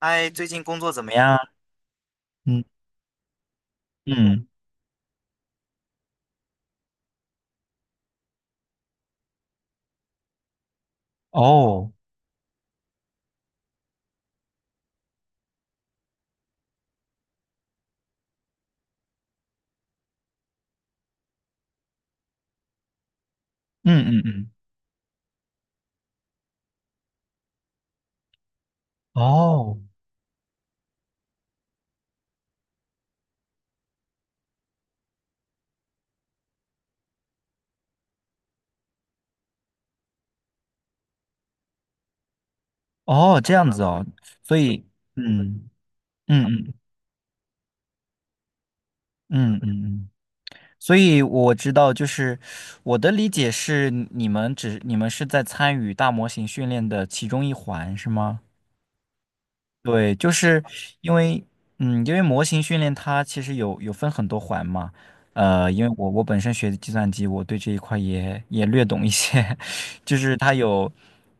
嗨，最近工作怎么样？嗯嗯哦，嗯嗯嗯哦哦，这样子哦，所以嗯嗯嗯嗯嗯嗯，所以我知道，就是我的理解是，你们是在参与大模型训练的其中一环，是吗？对，就是因为，嗯，因为模型训练它其实有分很多环嘛，呃，因为我本身学的计算机，我对这一块也略懂一些，就是它有，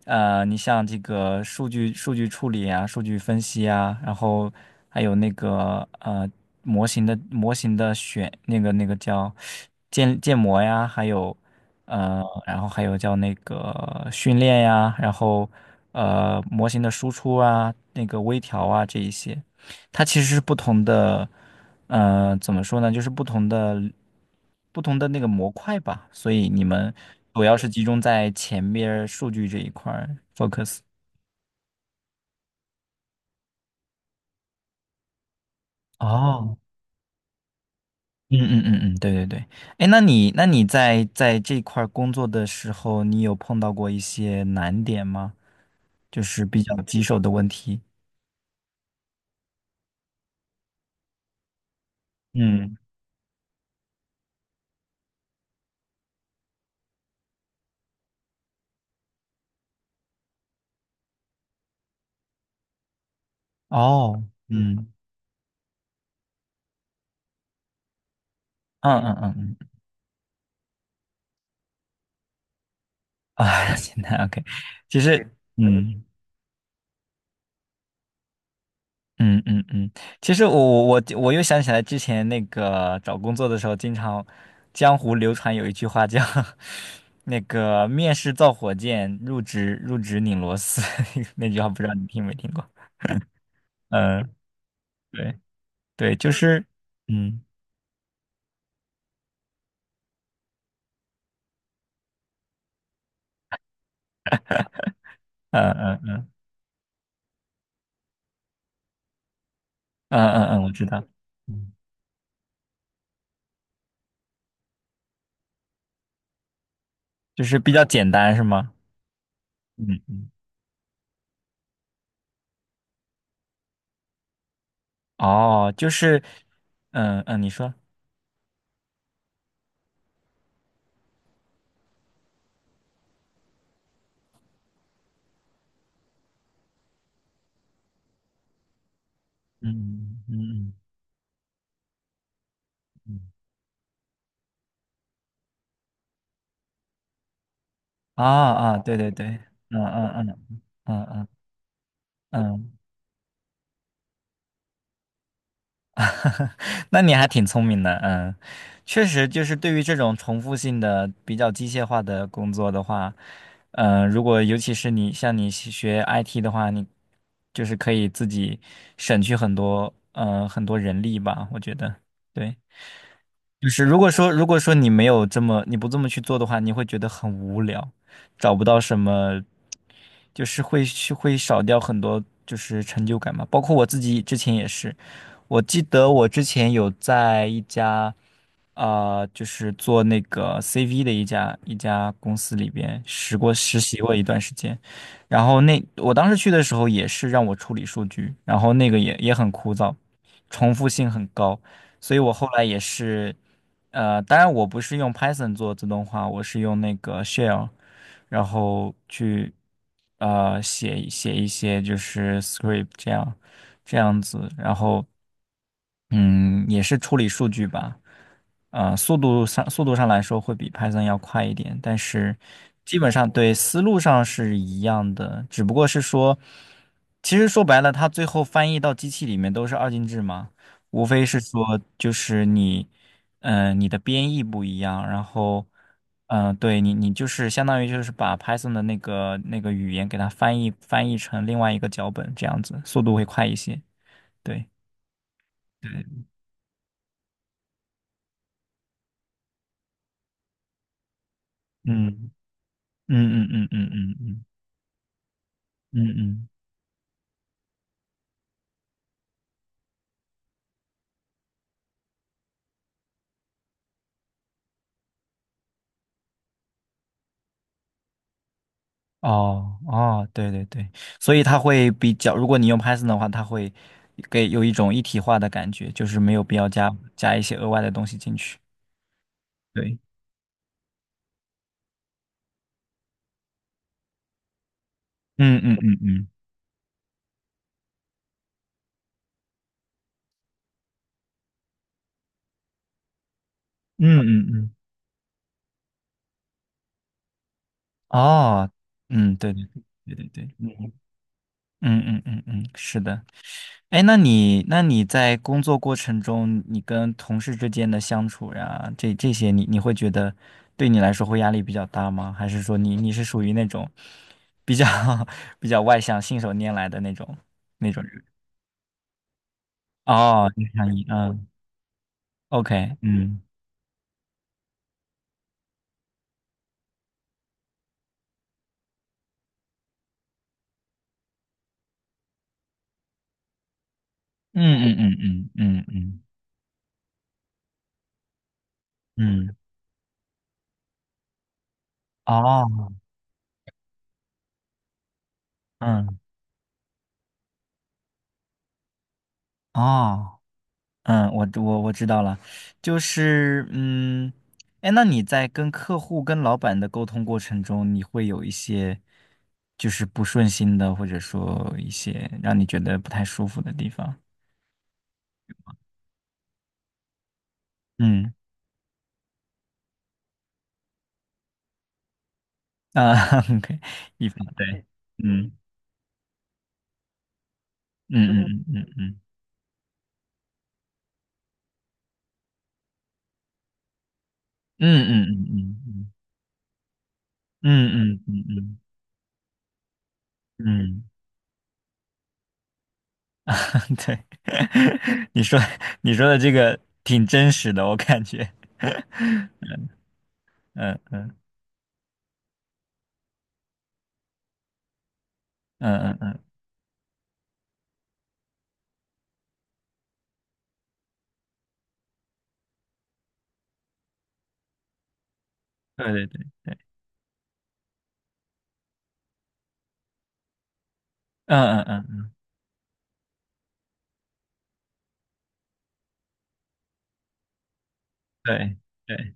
呃，你像这个数据处理啊，数据分析啊，然后还有那个呃模型的选那个叫建模呀，还有。呃，然后还有叫那个训练呀，然后呃模型的输出啊，那个微调啊这一些，它其实是不同的，呃，怎么说呢，就是不同的那个模块吧，所以你们主要是集中在前面儿数据这一块儿 focus。哦，嗯嗯嗯嗯，对对对，哎，那你在这块儿工作的时候，你有碰到过一些难点吗？就是比较棘手的问题。嗯。哦，嗯，嗯嗯嗯嗯嗯啊，现在 OK，其实，嗯嗯嗯嗯，其实我又想起来之前那个找工作的时候，经常江湖流传有一句话叫 那个面试造火箭，入职拧螺丝，那句话不知道你听没听过？嗯，对对，就是，嗯嗯嗯嗯嗯嗯嗯，我知道，嗯，就是比较简单是吗？嗯嗯，哦，就是，嗯嗯，你说。嗯嗯嗯，啊啊，对对对，嗯嗯嗯嗯嗯嗯，那你还挺聪明的，嗯，确实就是对于这种重复性的、比较机械化的工作的话，嗯，如果尤其是你像你是学 IT 的话，你就是可以自己省去很多，呃，很多人力吧，我觉得，对，就是如果说你不这么去做的话，你会觉得很无聊，找不到什么，就是会去会少掉很多就是成就感嘛。包括我自己之前也是，我记得我之前有在一家，呃，就是做那个 CV 的一家公司里边实习过一段时间，然后那我当时去的时候也是让我处理数据，然后那个也很枯燥，重复性很高，所以我后来也是，呃，当然我不是用 Python 做自动化，我是用那个 Shell，然后去呃写一些就是 script 这样。这样子，然后嗯，也是处理数据吧。呃，速度上来说会比 Python 要快一点，但是基本上对思路上是一样的，只不过是说，其实说白了，它最后翻译到机器里面都是二进制嘛，无非是说就是你，嗯、你的编译不一样，然后，嗯、对你就是相当于就是把 Python 的那个语言给它翻译成另外一个脚本这样子，速度会快一些，对。嗯。嗯嗯嗯嗯嗯嗯嗯嗯，哦哦，对对对，所以它会比较，如果你用 Python 的话，它会给有一种一体化的感觉，就是没有必要加一些额外的东西进去。对，嗯嗯嗯嗯嗯嗯嗯，哦，嗯，对对对对对，嗯嗯嗯嗯嗯，是的。哎，那你在工作过程中，你跟同事之间的相处呀，这些你，你会觉得对你来说会压力比较大吗？还是说你是属于那种比较 比较外向、信手拈来的那种人？哦，你想你嗯，OK，嗯嗯嗯嗯嗯嗯嗯嗯，哦，嗯哦。嗯，我知道了，就是嗯，哎，那你在跟客户、跟老板的沟通过程中，你会有一些就是不顺心的，或者说一些让你觉得不太舒服的地方？嗯啊 ，OK，一方对，嗯嗯嗯嗯嗯嗯嗯嗯嗯嗯嗯嗯嗯嗯，嗯 对，你说你说的这个挺真实的，我感觉，嗯嗯嗯嗯嗯，对对对，嗯嗯嗯。对对，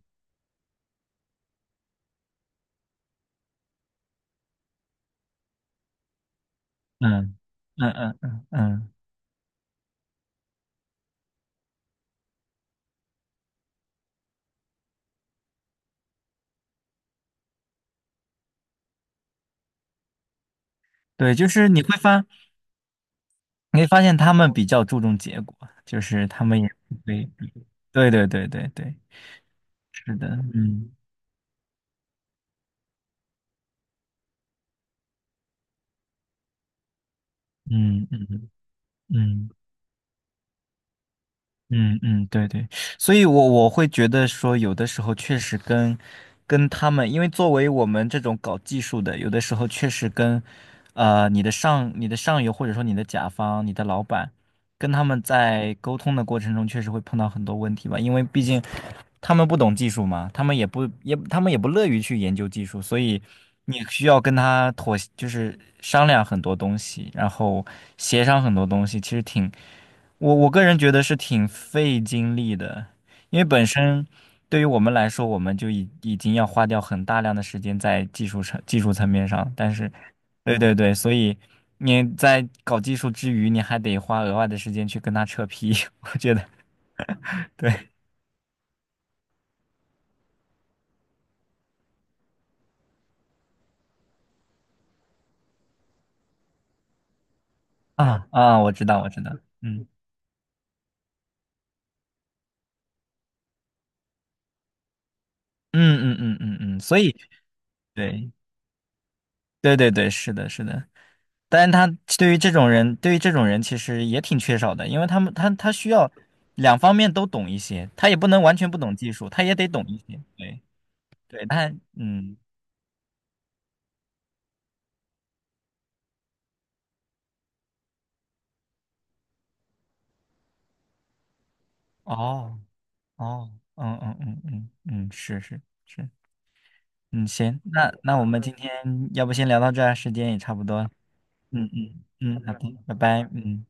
嗯嗯嗯嗯嗯，对，就是你会发，你会发现他们比较注重结果，就是他们也会，对对对对对，是的，嗯嗯嗯嗯。嗯嗯，对对，所以我会觉得说，有的时候确实跟他们，因为作为我们这种搞技术的，有的时候确实跟呃你的上游或者说你的甲方、你的老板，跟他们在沟通的过程中，确实会碰到很多问题吧，因为毕竟他们不懂技术嘛，他们也不乐于去研究技术，所以你需要跟他妥，就是商量很多东西，然后协商很多东西，其实挺。我个人觉得是挺费精力的，因为本身对于我们来说，我们就已经要花掉很大量的时间在技术层面上，但是，对对对，所以你在搞技术之余，你还得花额外的时间去跟他扯皮，我觉得对啊啊，我知道我知道，嗯嗯嗯嗯嗯嗯，所以对对对对，是的是的。但是他对于这种人，对于这种人其实也挺缺少的，因为他们他需要两方面都懂一些，他也不能完全不懂技术，他也得懂一些。对对，他嗯，哦哦，嗯嗯嗯嗯嗯，是是是，嗯行，那我们今天要不先聊到这儿，时间也差不多了嗯嗯嗯，好的，拜拜，嗯。